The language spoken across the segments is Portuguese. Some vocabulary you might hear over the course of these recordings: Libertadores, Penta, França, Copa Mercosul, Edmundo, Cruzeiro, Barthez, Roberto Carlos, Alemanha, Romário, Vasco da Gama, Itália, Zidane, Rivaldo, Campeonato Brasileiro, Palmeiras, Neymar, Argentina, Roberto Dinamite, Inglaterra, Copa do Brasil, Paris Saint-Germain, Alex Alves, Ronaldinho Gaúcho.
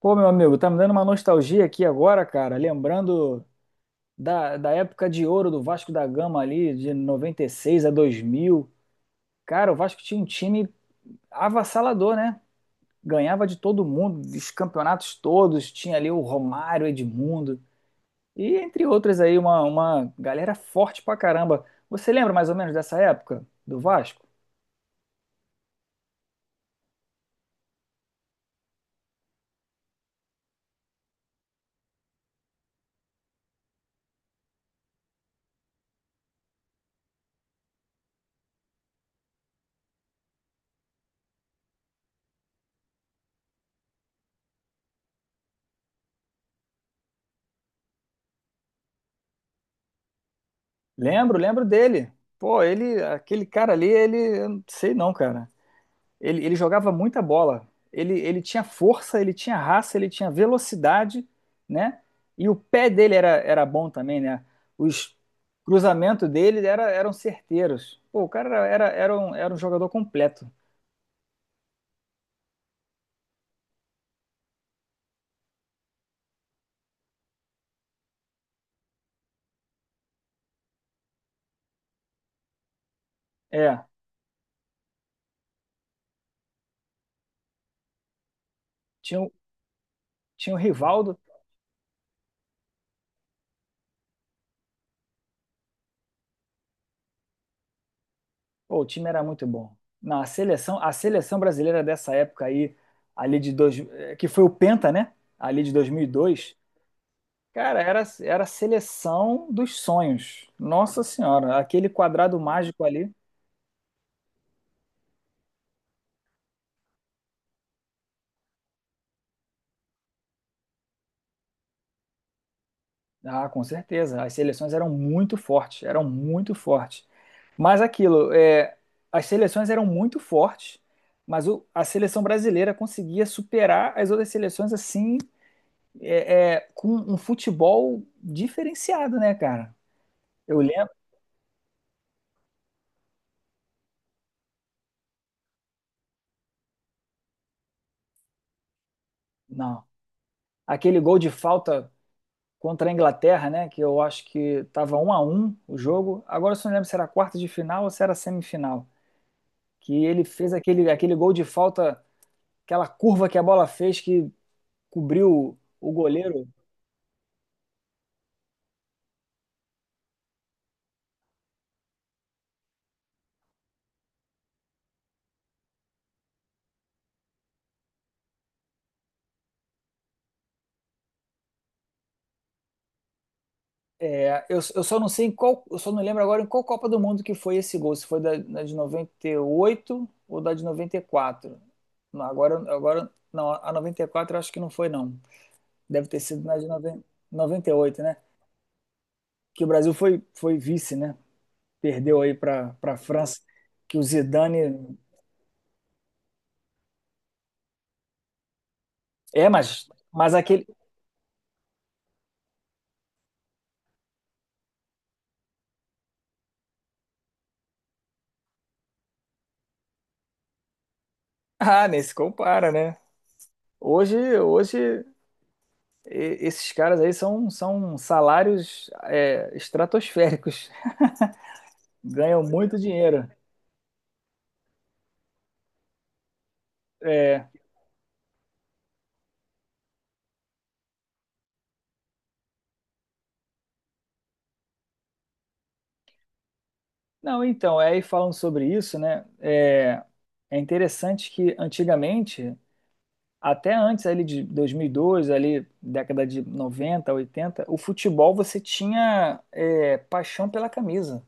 Pô, meu amigo, tá me dando uma nostalgia aqui agora, cara. Lembrando da época de ouro do Vasco da Gama ali, de 96 a 2000. Cara, o Vasco tinha um time avassalador, né? Ganhava de todo mundo, dos campeonatos todos. Tinha ali o Romário, Edmundo. E entre outras aí, uma galera forte pra caramba. Você lembra mais ou menos dessa época do Vasco? Lembro, lembro dele. Pô, ele, aquele cara ali, ele, eu não sei não, cara. Ele jogava muita bola. Ele tinha força, ele tinha raça, ele tinha velocidade, né? E o pé dele era bom também, né? Os cruzamentos dele eram certeiros. Pô, o cara era um jogador completo. É, tinha, o- tinha o Rivaldo. Pô, o time era muito bom. Não, a seleção brasileira dessa época aí, ali que foi o Penta, né? Ali de 2002. Cara, era a seleção dos sonhos. Nossa Senhora, aquele quadrado mágico ali. Ah, com certeza. As seleções eram muito fortes, eram muito fortes. Mas aquilo, é, as seleções eram muito fortes, mas a seleção brasileira conseguia superar as outras seleções assim, com um futebol diferenciado, né, cara? Eu lembro, não, aquele gol de falta contra a Inglaterra, né? Que eu acho que estava 1 a 1 o jogo. Agora eu só não lembro se era quarta de final ou se era semifinal. Que ele fez aquele gol de falta, aquela curva que a bola fez que cobriu o goleiro. É, eu só não sei em qual, eu só não lembro agora em qual Copa do Mundo que foi esse gol, se foi da de 98 ou da de 94. Não. Agora não, a 94 eu acho que não foi não. Deve ter sido na de 98, né? Que o Brasil foi vice, né? Perdeu aí para França, que o Zidane, é, mas aquele Ah, nem se compara, né? Hoje esses caras aí são salários, estratosféricos, Ganham muito dinheiro. É, não, então, aí falando sobre isso, né? É interessante que antigamente até antes ali de 2002, ali década de 90, 80, o futebol você tinha, paixão pela camisa.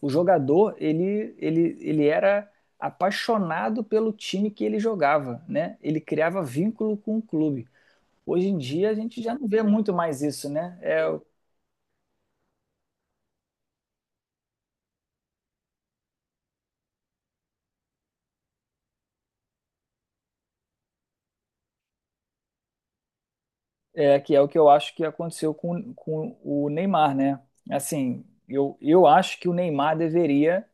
O jogador, ele era apaixonado pelo time que ele jogava, né? Ele criava vínculo com o clube. Hoje em dia a gente já não vê muito mais isso, né? É, é que é o que eu acho que aconteceu com o Neymar, né? Assim, eu acho que o Neymar deveria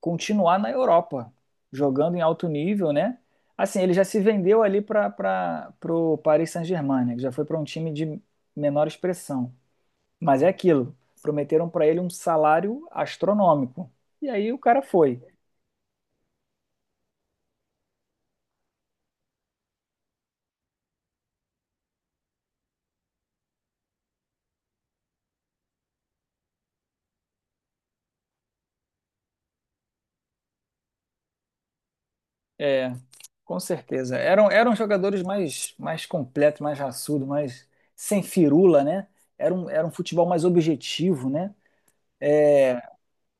continuar na Europa, jogando em alto nível, né? Assim, ele já se vendeu ali para o Paris Saint-Germain, né? Que já foi para um time de menor expressão. Mas é aquilo, prometeram para ele um salário astronômico. E aí o cara foi. É, com certeza. Eram jogadores mais completos, mais raçudo, mais sem firula, né? Era um futebol mais objetivo, né?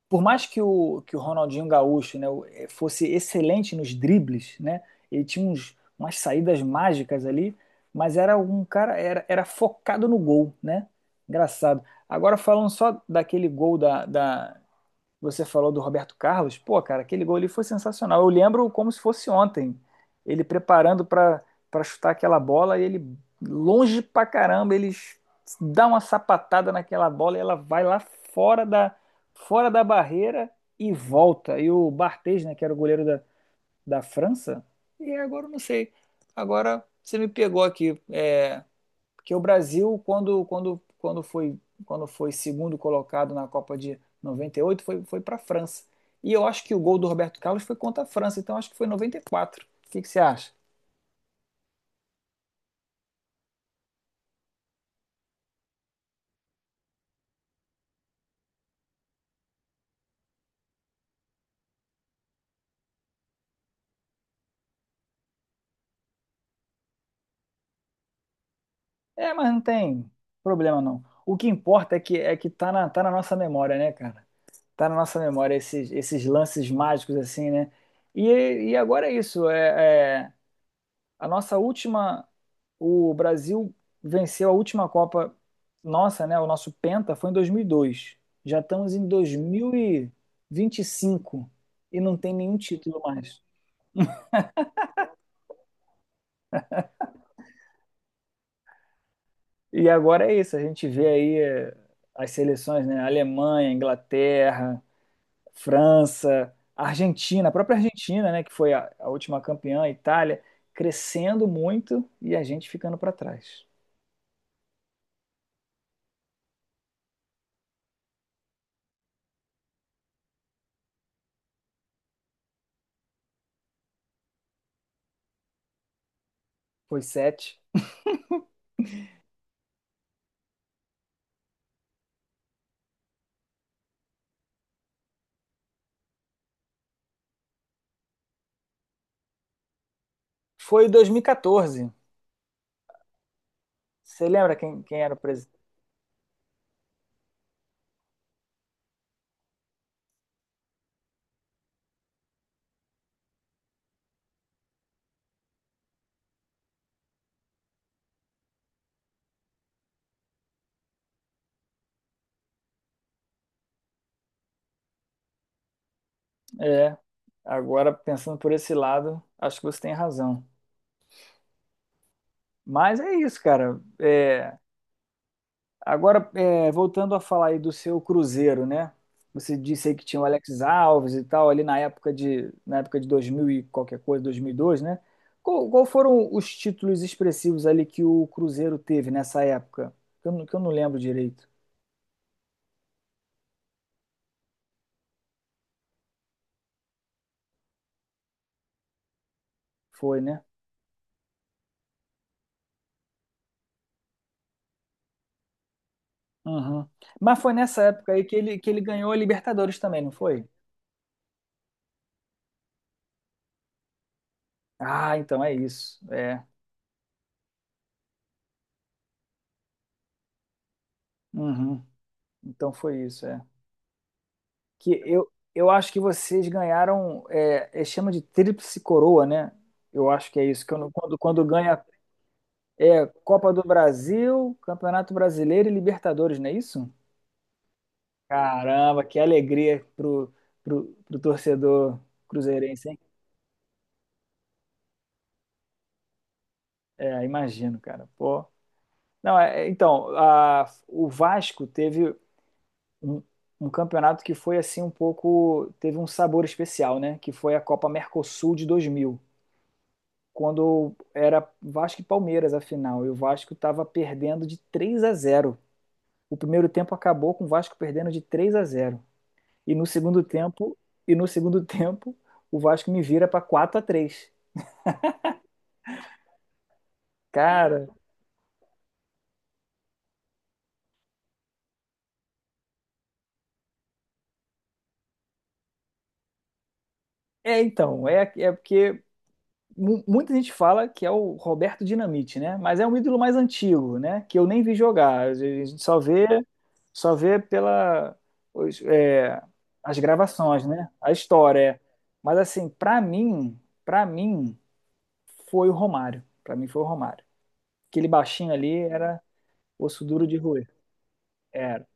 Por mais que o Ronaldinho Gaúcho, né, fosse excelente nos dribles, né, ele tinha umas saídas mágicas ali, mas era um cara, era focado no gol, né? Engraçado. Agora falando só daquele gol da você falou do Roberto Carlos, pô, cara, aquele gol ali foi sensacional. Eu lembro como se fosse ontem, ele preparando para chutar aquela bola e ele longe pra caramba, ele dá uma sapatada naquela bola e ela vai lá fora da fora da barreira e volta. E o Barthez, né, que era o goleiro da França, e agora eu não sei. Agora você me pegou aqui. É, porque o Brasil, quando foi segundo colocado na Copa de 98, foi para a França. E eu acho que o gol do Roberto Carlos foi contra a França, então acho que foi 94. O que, que você acha? É, mas não tem problema não. O que importa é que tá na nossa memória, né, cara? Tá na nossa memória esses lances mágicos, assim, né? E, e agora é isso. A nossa última, o Brasil venceu a última Copa nossa, né? O nosso Penta foi em 2002. Já estamos em dois mil e vinte e cinco e não tem nenhum título mais. E agora é isso, a gente vê aí, as seleções, né? Alemanha, Inglaterra, França, Argentina, a própria Argentina, né? Que foi a última campeã, a Itália, crescendo muito e a gente ficando para trás. Foi 7. Foi 2014. Você lembra quem era o presidente? É, agora pensando por esse lado, acho que você tem razão. Mas é isso, cara. É, agora, voltando a falar aí do seu Cruzeiro, né? Você disse aí que tinha o Alex Alves e tal, ali na época de 2000 e qualquer coisa, 2002, né? Qual foram os títulos expressivos ali que o Cruzeiro teve nessa época? Que eu, que eu não lembro direito. Foi, né? Uhum. Mas foi nessa época aí que ele ganhou a Libertadores também, não foi? Ah, então é isso. É. Uhum. Então foi isso, é. Eu acho que vocês ganharam, chama de tríplice coroa, né? Eu acho que é isso. que eu não- Quando ganha Copa do Brasil, Campeonato Brasileiro e Libertadores, não é isso? Caramba, que alegria pro torcedor cruzeirense, hein? É, imagino, cara. Pô. Não, é, então, o Vasco teve. um, um campeonato que foi assim um pouco, teve um sabor especial, né? Que foi a Copa Mercosul de 2000, quando era Vasco e Palmeiras a final, e o Vasco estava perdendo de 3 a 0. O primeiro tempo acabou com o Vasco perdendo de 3 a 0. E no segundo tempo, e no segundo tempo, o Vasco me vira para 4 a 3. Cara, é então, é porque muita gente fala que é o Roberto Dinamite, né? Mas é um ídolo mais antigo, né? Que eu nem vi jogar. A gente só vê pela, os- é, as gravações, né? A história. É. Mas assim, para mim foi o Romário. Pra mim foi o Romário. Aquele baixinho ali era osso duro de roer. Era.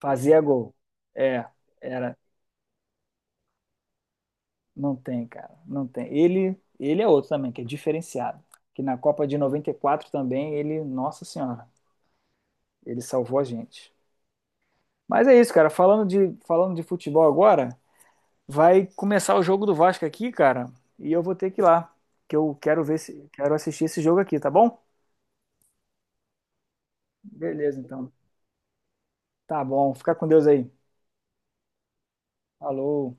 Fazia gol. É, era. Não tem, cara. Não tem. Ele é outro também, que é diferenciado. Que na Copa de 94 também, ele, nossa senhora, ele salvou a gente. Mas é isso, cara. Falando de futebol agora, vai começar o jogo do Vasco aqui, cara. E eu vou ter que ir lá. Que eu quero ver se quero assistir esse jogo aqui, tá bom? Beleza, então. Tá bom. Fica com Deus aí. Falou.